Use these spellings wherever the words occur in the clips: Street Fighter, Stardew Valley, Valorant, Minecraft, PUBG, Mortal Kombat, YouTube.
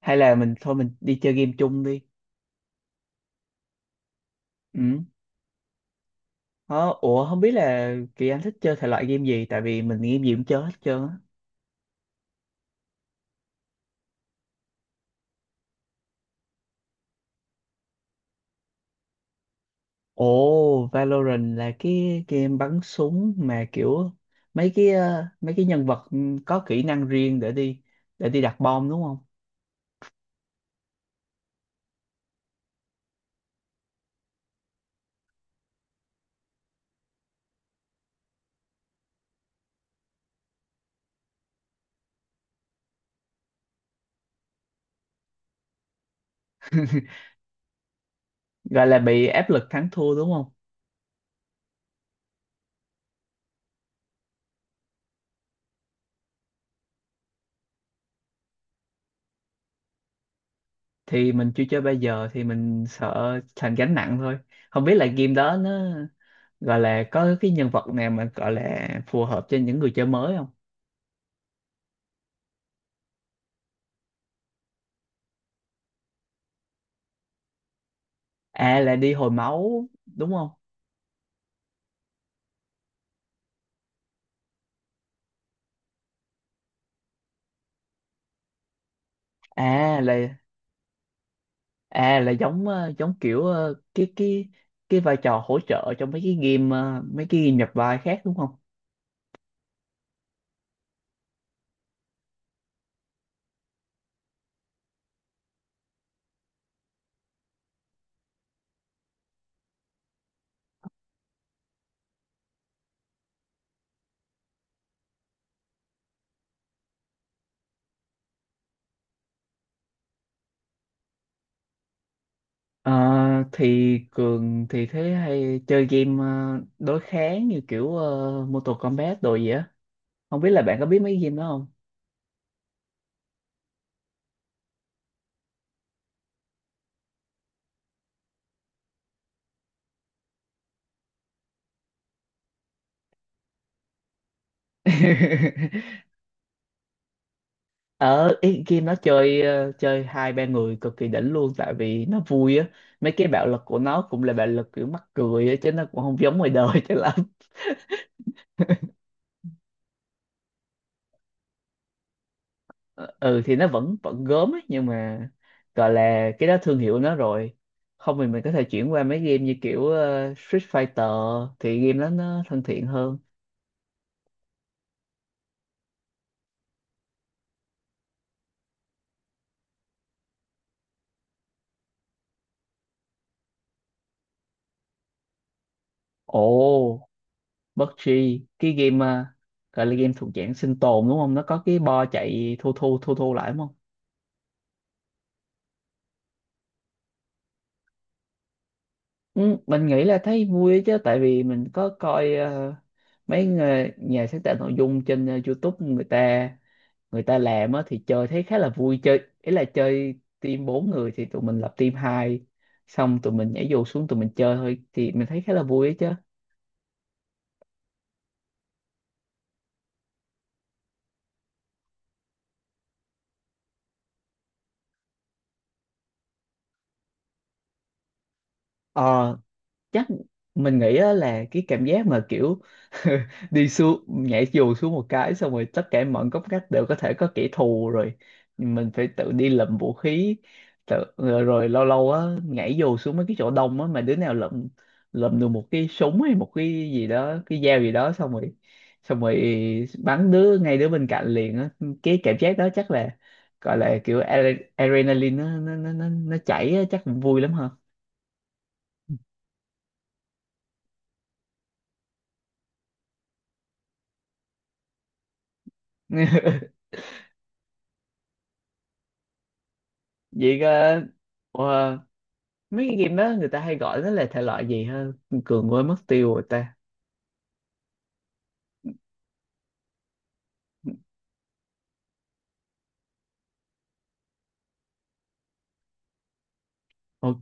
Hay là mình thôi, mình đi chơi game chung đi. Ừ. Ờ, ủa không biết là Kỳ Anh thích chơi thể loại game gì, tại vì mình game gì cũng chơi hết trơn á. Ồ, Valorant là cái game bắn súng mà kiểu mấy cái nhân vật có kỹ năng riêng để đi đặt bom đúng không? Gọi là bị áp lực thắng thua đúng không? Thì mình chưa chơi, bây giờ thì mình sợ thành gánh nặng thôi. Không biết là game đó nó gọi là có cái nhân vật nào mà gọi là phù hợp cho những người chơi mới không? À là đi hồi máu đúng không? À là à là giống giống kiểu cái cái vai trò hỗ trợ trong mấy cái game nhập vai khác đúng không? Ờ, thì Cường thì thế hay chơi game đối kháng như kiểu Mortal Kombat đồ gì á. Không biết là bạn có biết mấy game đó không? Ở ý, game nó chơi chơi hai ba người cực kỳ đỉnh luôn, tại vì nó vui á. Mấy cái bạo lực của nó cũng là bạo lực kiểu mắc cười á, chứ nó cũng không giống ngoài đời cho lắm. Ờ, ừ thì nó vẫn vẫn gớm ấy, nhưng mà gọi là cái đó thương hiệu nó rồi. Không thì mình có thể chuyển qua mấy game như kiểu Street Fighter, thì game đó nó thân thiện hơn. Ồ, PUBG, cái game gọi là game thuộc dạng sinh tồn đúng không, nó có cái bo chạy thu thu thu thu lại đúng không? Ừ, mình nghĩ là thấy vui ấy chứ, tại vì mình có coi mấy người, nhà sáng tạo nội dung trên YouTube, người ta làm á thì chơi thấy khá là vui. Chơi ý là chơi team bốn người thì tụi mình lập team hai, xong tụi mình nhảy dù xuống, tụi mình chơi thôi, thì mình thấy khá là vui ấy chứ. Ờ, chắc mình nghĩ á là cái cảm giác mà kiểu đi xuống, nhảy dù xuống một cái xong rồi tất cả mọi góc ngách đều có thể có kẻ thù rồi, mình phải tự đi lượm vũ khí, tự, rồi lâu lâu á nhảy dù xuống mấy cái chỗ đông á mà đứa nào lượm lượm được một cái súng hay một cái gì đó, cái dao gì đó, xong rồi bắn đứa ngay đứa bên cạnh liền á. Cái cảm giác đó chắc là gọi là kiểu adrenaline nó chảy á, chắc cũng vui lắm ha. Vậy ờ, mấy cái game đó người ta hay gọi nó là thể loại gì ha, Cường quên mất tiêu rồi ta? Ok,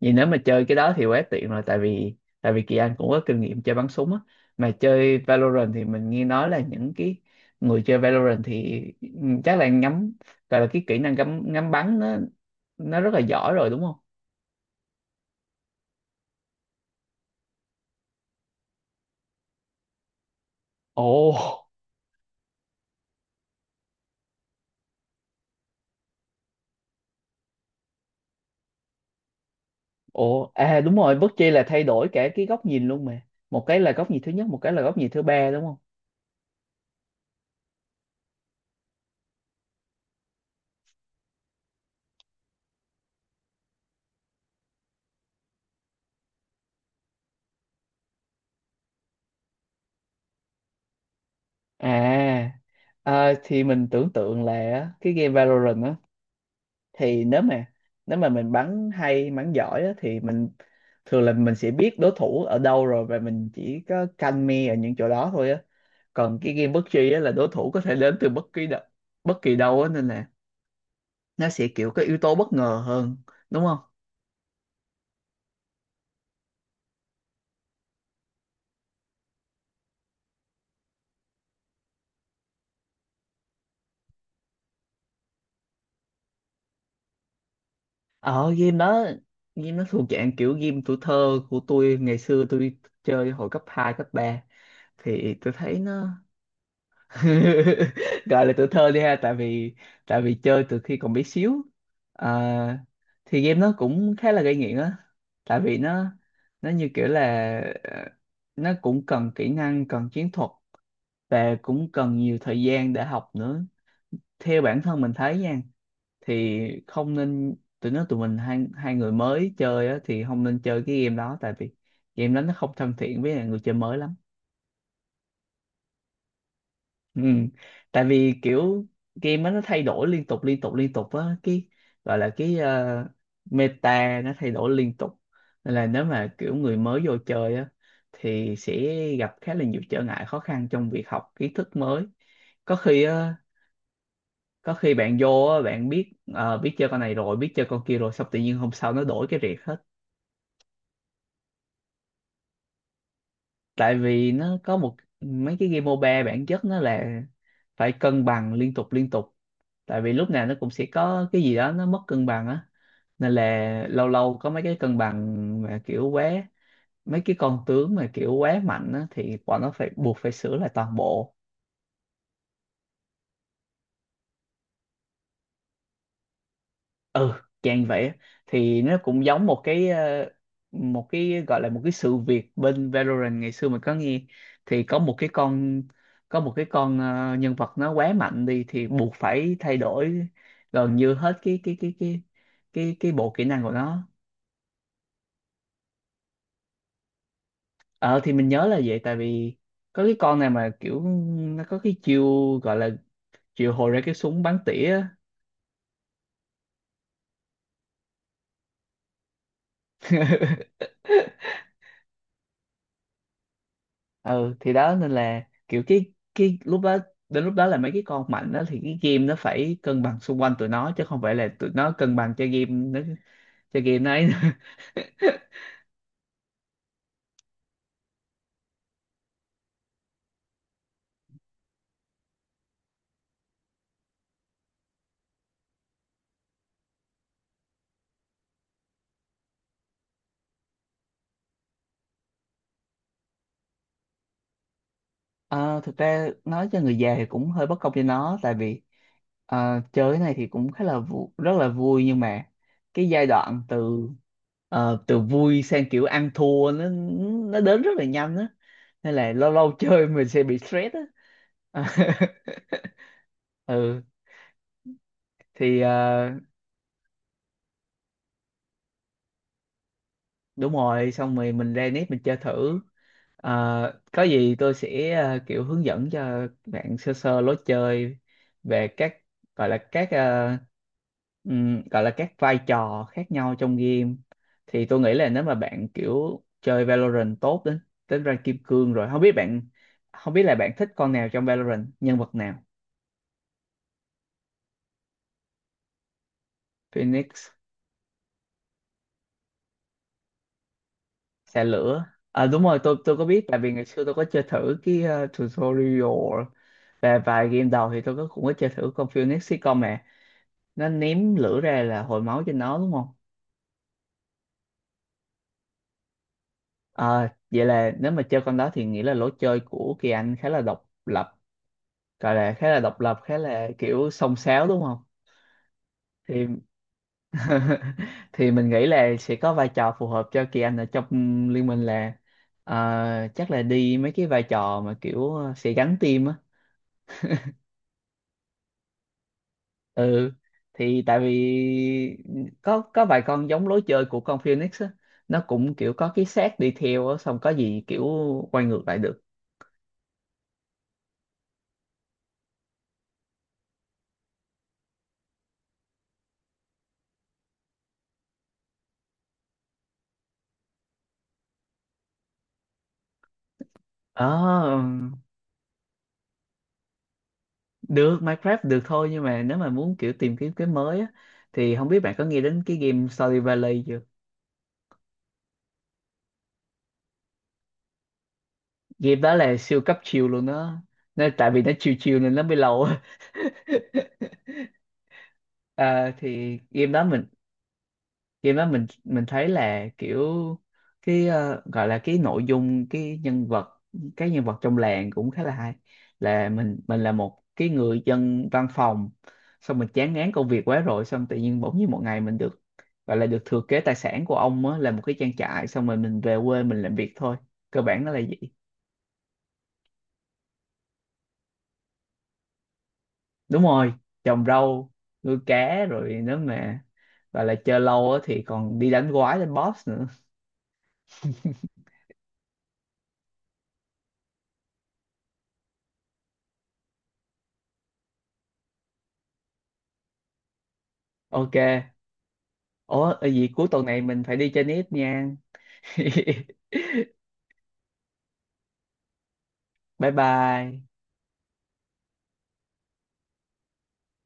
vậy nếu mà chơi cái đó thì quá tiện rồi, tại vì Kỳ Anh cũng có kinh nghiệm chơi bắn súng á, mà chơi Valorant thì mình nghe nói là những cái người chơi Valorant thì chắc là ngắm, gọi là cái kỹ năng ngắm ngắm bắn nó rất là giỏi rồi đúng không? Ồ, ồ, à đúng rồi, bất chi là thay đổi cả cái góc nhìn luôn mà. Một cái là góc nhìn thứ nhất, một cái là góc nhìn thứ ba đúng không? À, thì mình tưởng tượng là á, cái game Valorant á, thì nếu mà mình bắn hay bắn giỏi á, thì mình thường là mình sẽ biết đối thủ ở đâu rồi, và mình chỉ có canh me ở những chỗ đó thôi á. Còn cái game PUBG á là đối thủ có thể đến từ bất kỳ đâu á, nên là nó sẽ kiểu có yếu tố bất ngờ hơn, đúng không? Ở game đó, game nó thuộc dạng kiểu game tuổi thơ của tôi, ngày xưa tôi chơi hồi cấp 2 cấp ba, thì tôi thấy nó gọi là tuổi thơ đi ha, tại vì chơi từ khi còn bé xíu. À, thì game nó cũng khá là gây nghiện á, tại vì nó như kiểu là ờ, nó cũng cần kỹ năng, cần chiến thuật, và cũng cần nhiều thời gian để học nữa. Theo bản thân mình thấy nha, thì không nên, tụi mình hai hai người mới chơi á thì không nên chơi cái game đó, tại vì game đó nó không thân thiện với lại người chơi mới lắm. Ừ. Tại vì kiểu game á, nó thay đổi liên tục liên tục liên tục á, cái gọi là cái meta nó thay đổi liên tục, nên là nếu mà kiểu người mới vô chơi á thì sẽ gặp khá là nhiều trở ngại khó khăn trong việc học kiến thức mới. Có khi á có khi bạn vô á, bạn biết biết chơi con này rồi biết chơi con kia rồi, xong tự nhiên hôm sau nó đổi cái riệt hết. Tại vì nó có một, mấy cái game MOBA bản chất nó là phải cân bằng liên tục liên tục, tại vì lúc nào nó cũng sẽ có cái gì đó nó mất cân bằng á, nên là lâu lâu có mấy cái cân bằng mà kiểu quá, mấy cái con tướng mà kiểu quá mạnh á thì bọn nó phải buộc phải sửa lại toàn bộ. Ừ, dạng vậy á. Thì nó cũng giống một cái một cái gọi là một cái sự việc bên Valorant ngày xưa mình có nghe, thì có một cái con nhân vật nó quá mạnh đi, thì buộc phải thay đổi gần như hết cái bộ kỹ năng của nó. Ờ thì mình nhớ là vậy, tại vì có cái con này mà kiểu nó có cái chiêu, gọi là chiêu hồi ra cái súng bắn tỉa á. Ừ thì đó, nên là kiểu cái lúc đó đến lúc đó là mấy cái con mạnh đó thì cái game nó phải cân bằng xung quanh tụi nó chứ không phải là tụi nó cân bằng cho game nó ấy. Ờ, thực ra nói cho người già thì cũng hơi bất công cho nó, tại vì chơi cái này thì cũng rất là vui, nhưng mà cái giai đoạn từ từ vui sang kiểu ăn thua, nó đến rất là nhanh á, nên là lâu lâu chơi mình sẽ bị stress á. Ừ thì đúng rồi, xong rồi mình ra nếp mình chơi thử. Ờ, có gì tôi sẽ kiểu hướng dẫn cho bạn sơ sơ lối chơi về các, gọi là các ờ, gọi là các vai trò khác nhau trong game. Thì tôi nghĩ là nếu mà bạn kiểu chơi Valorant tốt đến đến rank kim cương rồi, không biết là bạn thích con nào trong Valorant, nhân vật nào? Phoenix. Xe lửa. À, đúng rồi, tôi có biết, tại vì ngày xưa tôi có chơi thử cái tutorial và vài game đầu, thì tôi cũng có chơi thử con Phoenix Recon nè, nó ném lửa ra là hồi máu trên nó đúng không? À, vậy là nếu mà chơi con đó thì nghĩa là lối chơi của Kỳ Anh khá là độc lập, gọi là khá là độc lập, khá là kiểu xông xáo đúng không? Thì thì mình nghĩ là sẽ có vai trò phù hợp cho Kỳ Anh ở trong liên minh, là ờ, chắc là đi mấy cái vai trò mà kiểu sẽ gắn team á. Ừ, thì tại vì có vài con giống lối chơi của con Phoenix á, nó cũng kiểu có cái xác đi theo á, xong có gì kiểu quay ngược lại được. Ờ được, Minecraft được thôi, nhưng mà nếu mà muốn kiểu tìm kiếm cái mới á thì không biết bạn có nghe đến cái game Stardew Valley chưa? Game đó là siêu cấp chill luôn đó, nên tại vì nó chill chill nên nó mới lâu. À, thì game đó mình, khi mà mình thấy là kiểu cái gọi là cái nội dung, cái nhân vật trong làng cũng khá là hay, là mình là một cái người dân văn phòng, xong mình chán ngán công việc quá rồi, xong tự nhiên bỗng nhiên một ngày mình được, gọi là được thừa kế tài sản của ông á, là một cái trang trại, xong rồi mình về quê mình làm việc thôi, cơ bản nó là vậy. Đúng rồi, trồng rau, nuôi cá, rồi nếu mà gọi là chơi lâu á thì còn đi đánh quái đánh boss nữa. Ok. Ủa, vậy cuối tuần này mình phải đi chơi nít nha. Bye bye.